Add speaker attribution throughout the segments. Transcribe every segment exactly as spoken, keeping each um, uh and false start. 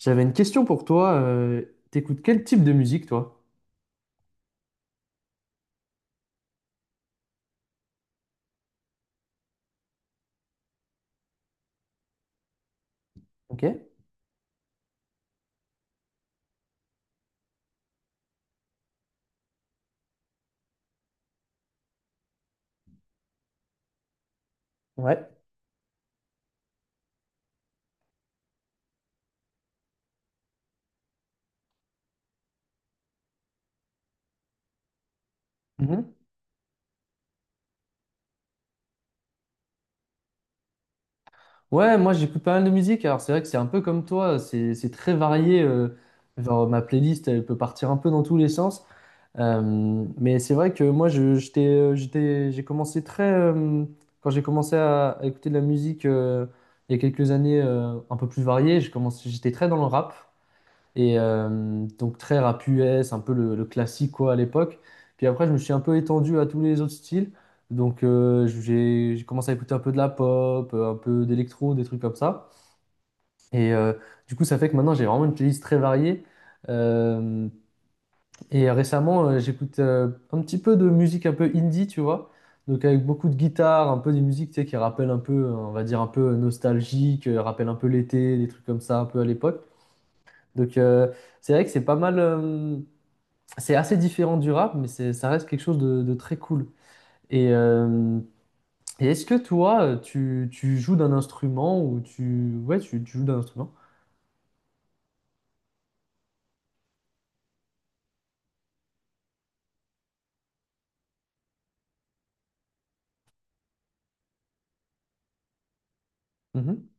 Speaker 1: J'avais une question pour toi. Euh, t'écoutes quel type de musique, toi? Ok, ouais. Mhm. Ouais, moi j'écoute pas mal de musique. Alors c'est vrai que c'est un peu comme toi, c'est c'est très varié. Euh, genre ma playlist, elle peut partir un peu dans tous les sens. Euh, mais c'est vrai que moi je, j'étais, euh, j'étais, j'ai commencé très, euh, quand j'ai commencé à, à écouter de la musique euh, il y a quelques années euh, un peu plus variée, j'ai commencé, j'étais très dans le rap. Et euh, donc très rap U S, un peu le, le classique quoi à l'époque. Puis après, je me suis un peu étendu à tous les autres styles. Donc euh, j'ai j'ai commencé à écouter un peu de la pop, euh, un peu d'électro, des trucs comme ça. Et euh, du coup, ça fait que maintenant, j'ai vraiment une playlist très variée. Euh, et récemment, euh, j'écoute euh, un petit peu de musique un peu indie, tu vois. Donc avec beaucoup de guitare, un peu des musiques tu sais, qui rappellent un peu, euh, on va dire un peu nostalgique, euh, rappellent un peu l'été, des trucs comme ça, un peu à l'époque. Donc euh, c'est vrai que c'est pas mal. Euh, c'est assez différent du rap, mais c'est, ça reste quelque chose de, de très cool. Et, euh, et est-ce que toi, euh, tu, tu joues d'un instrument ou tu... Ouais, tu, tu joues d'un instrument. Mhm.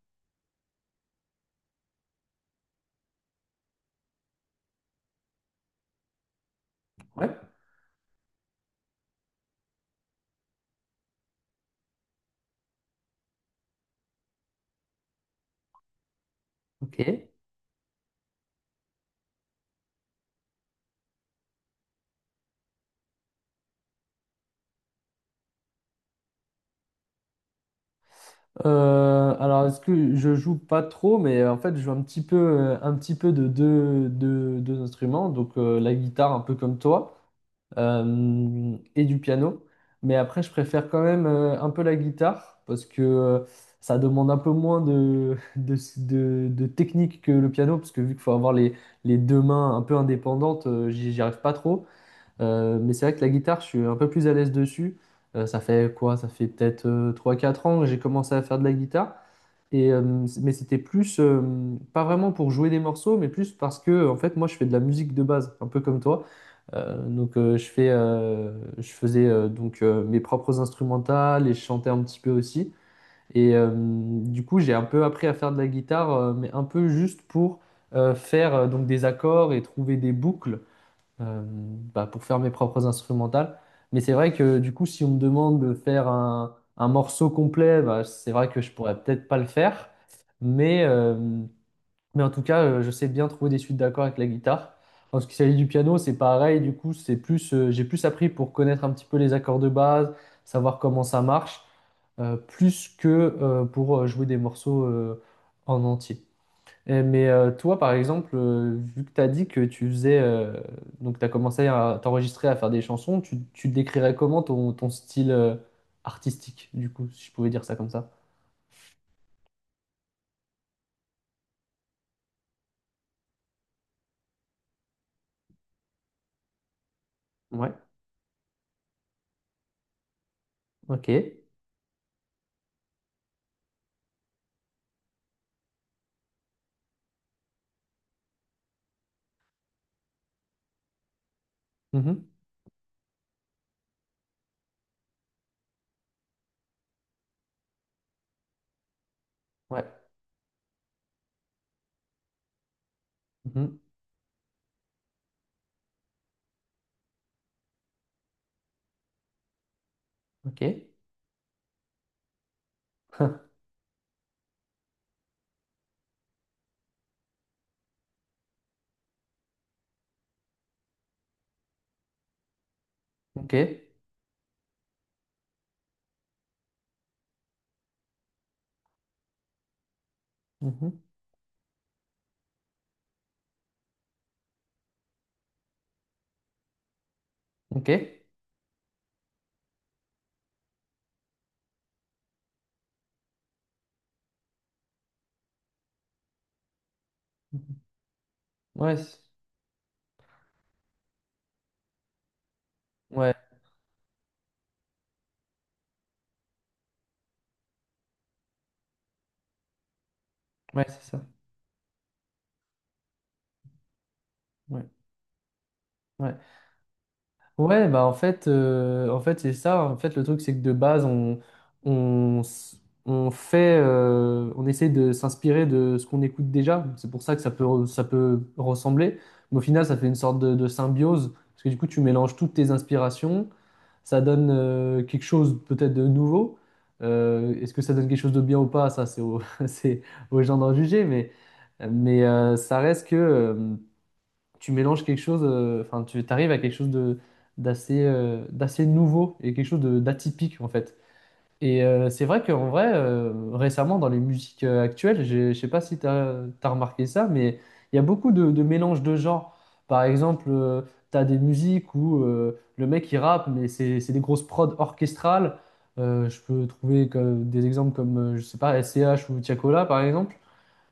Speaker 1: Ouais, ok. Euh, alors, est-ce que je joue pas trop, mais euh, en fait, je joue un petit peu, euh, un petit peu de deux, deux- deux instruments. Donc, euh, la guitare, un peu comme toi. Euh, et du piano. Mais après, je préfère quand même euh, un peu la guitare parce que euh, ça demande un peu moins de, de, de- de technique que le piano, parce que vu qu'il faut avoir les, les deux mains un peu indépendantes, euh, j'y j'y arrive pas trop. Euh, mais c'est vrai que la guitare, je suis un peu plus à l'aise dessus. Euh, ça fait quoi? Ça fait peut-être euh, trois quatre ans que j'ai commencé à faire de la guitare. Et, euh, c- mais c'était plus, euh, pas vraiment pour jouer des morceaux, mais plus parce que, en fait, moi, je fais de la musique de base, un peu comme toi. Euh, donc euh, je fais, euh, je faisais euh, donc euh, mes propres instrumentales et je chantais un petit peu aussi. Et euh, du coup, j'ai un peu appris à faire de la guitare, euh, mais un peu juste pour euh, faire euh, donc des accords et trouver des boucles euh, bah, pour faire mes propres instrumentales. Mais c'est vrai que du coup, si on me demande de faire un, un morceau complet, bah, c'est vrai que je pourrais peut-être pas le faire. Mais, euh, mais en tout cas, euh, je sais bien trouver des suites d'accords avec la guitare. En ce qui s'agit du piano, c'est pareil. Du coup, c'est plus, euh, j'ai plus appris pour connaître un petit peu les accords de base, savoir comment ça marche, euh, plus que euh, pour euh, jouer des morceaux euh, en entier. Et- mais euh, toi, par exemple, euh, vu que tu as dit que tu faisais, euh, donc tu as commencé à t'enregistrer, à faire des chansons, tu, tu décrirais comment ton, ton style euh, artistique, du coup, si je pouvais dire ça comme ça? Ouais. Ok. Mhm. Ouais. Mhm. Ok. Ok. Mhm. Ok. Mhm. Ouais. c'est- Ouais. Ouais, c'est ça. Ouais. Ouais. Ouais, bah en fait, euh, en fait c'est ça. En fait, le truc, c'est que de base, on, on, s- on fait, euh, on essaie de s'inspirer de ce qu'on écoute déjà. C'est pour ça que ça peut, re- ça peut ressembler. Mais au final, ça fait une sorte de, de symbiose. Parce que du coup, tu mélanges toutes tes inspirations. Ça donne euh, quelque chose peut-être de nouveau. Euh, est-ce que ça donne quelque chose de bien ou pas? Ça, c'est au- c'est aux gens d'en juger. Mais, mais euh, ça reste que. Euh, tu mélanges quelque chose, euh, enfin, tu arrives à quelque chose de d'assez euh, d'assez nouveau et quelque chose de- d'atypique en fait. Et euh, c'est vrai qu'en vrai, euh, récemment dans les musiques euh, actuelles, j'ai- je sais pas si tu as, remarqué ça, mais il y a beaucoup de, de mélanges de genres. Par exemple, tu as des musiques où euh, le mec il rappe, mais c'est c'est des grosses prods orchestrales. Euh, je peux trouver que- des exemples comme, euh, je sais pas, S C H ou Tiakola par exemple.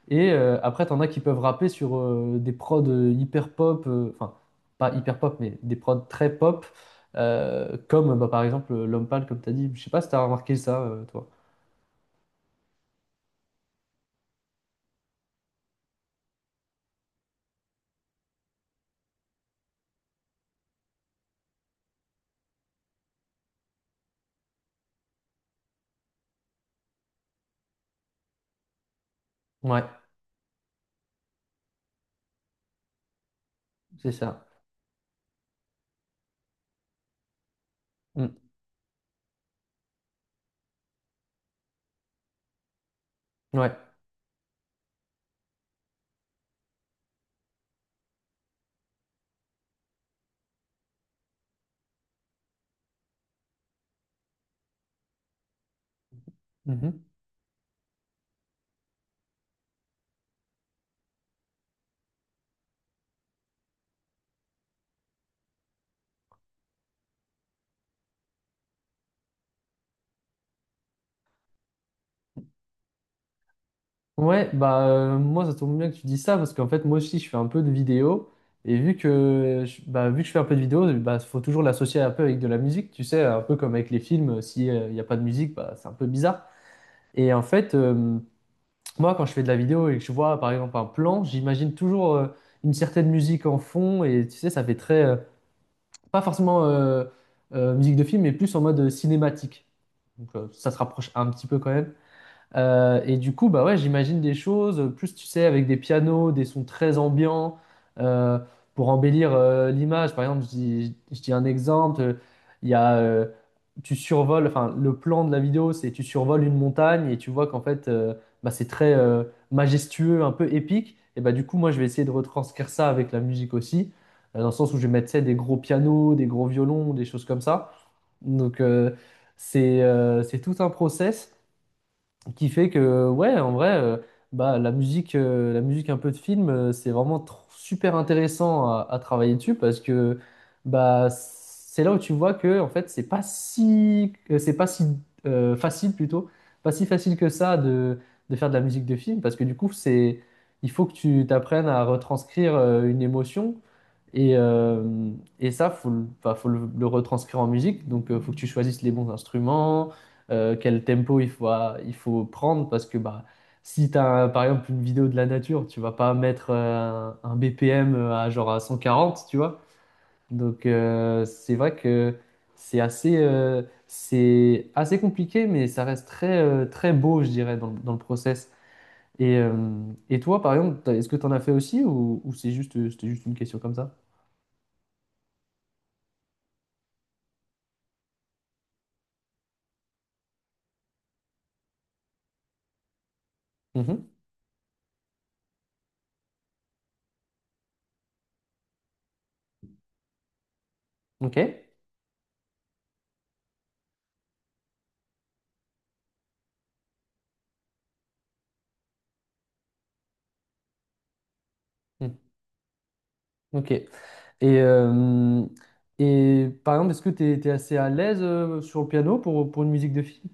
Speaker 1: Et euh, après, t'en as qui peuvent rapper sur euh, des prods euh, hyper pop, euh, enfin, pas hyper pop, mais des prods très pop, euh, comme bah, par exemple euh, L'Homme Pâle, comme t'as dit. Je sais pas si t'as remarqué ça, euh, toi. Ouais, c'est ça. Mm. Ouais. Mhm. Ouais, bah euh, moi, ça tombe bien que tu dis ça, parce qu'en fait, moi aussi, je fais un peu de vidéo. Et vu que, je- bah, vu que je fais un peu de vidéo, bah, faut toujours l'associer un peu avec de la musique, tu sais, un peu comme avec les films, s'il n'y a pas de musique, bah, c'est un peu bizarre. Et en fait, euh, moi, quand je fais de la vidéo et que je vois par exemple un plan, j'imagine toujours euh, une certaine musique en fond et tu sais, ça fait très, euh, pas forcément euh, euh, musique de film, mais plus en mode euh, cinématique. Donc euh, ça se rapproche un petit peu quand même. Euh, et du coup, bah ouais, j'imagine des choses, euh, plus tu sais, avec des pianos, des sons très ambiants, euh, pour embellir euh, l'image. Par exemple, je dis, je dis un exemple, euh, il y a, euh, tu survoles, enfin, le plan de la vidéo, c'est tu survoles une montagne et tu vois qu'en fait, euh, bah, c'est très euh, majestueux, un peu épique. Et bah du coup, moi, je vais essayer de retranscrire ça avec la musique aussi, euh, dans le sens où je vais mettre, tu sais, des gros pianos, des gros violons, des choses comme ça. Donc, euh, c'est euh, c'est tout un process qui fait que ouais en vrai euh, bah la musique euh, la musique un peu de film euh, c'est vraiment tr- super intéressant à, à travailler dessus parce que bah c'est là où tu vois que en fait c'est pas si que c'est pas si euh, facile plutôt pas si facile que ça de, de faire de la musique de film parce que du coup c'est il faut que tu t'apprennes à retranscrire euh, une émotion et, euh, et ça faut le, enfin, faut le, le retranscrire en musique donc euh, faut que tu choisisses les bons instruments euh, quel tempo il faut, à- il faut prendre parce que bah, si tu as par exemple une vidéo de la nature, tu vas pas mettre euh, un, un B P M à genre à cent quarante tu vois. Donc euh, c'est vrai que c'est assez, euh, c'est assez compliqué, mais ça reste très, euh, très beau, je dirais, dans, le- dans le process. Et, euh, et toi, par exemple, t'as- est-ce que tu en as fait aussi ou, ou c'est juste, c'était juste une question comme ça? Mhm. Ok. Mhm. Ok. Et, euh, et par exemple, est-ce que tu es, assez à l'aise euh, sur le piano pour, pour une musique de film?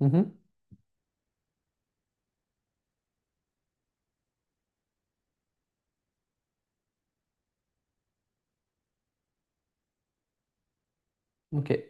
Speaker 1: Mhm. Ok.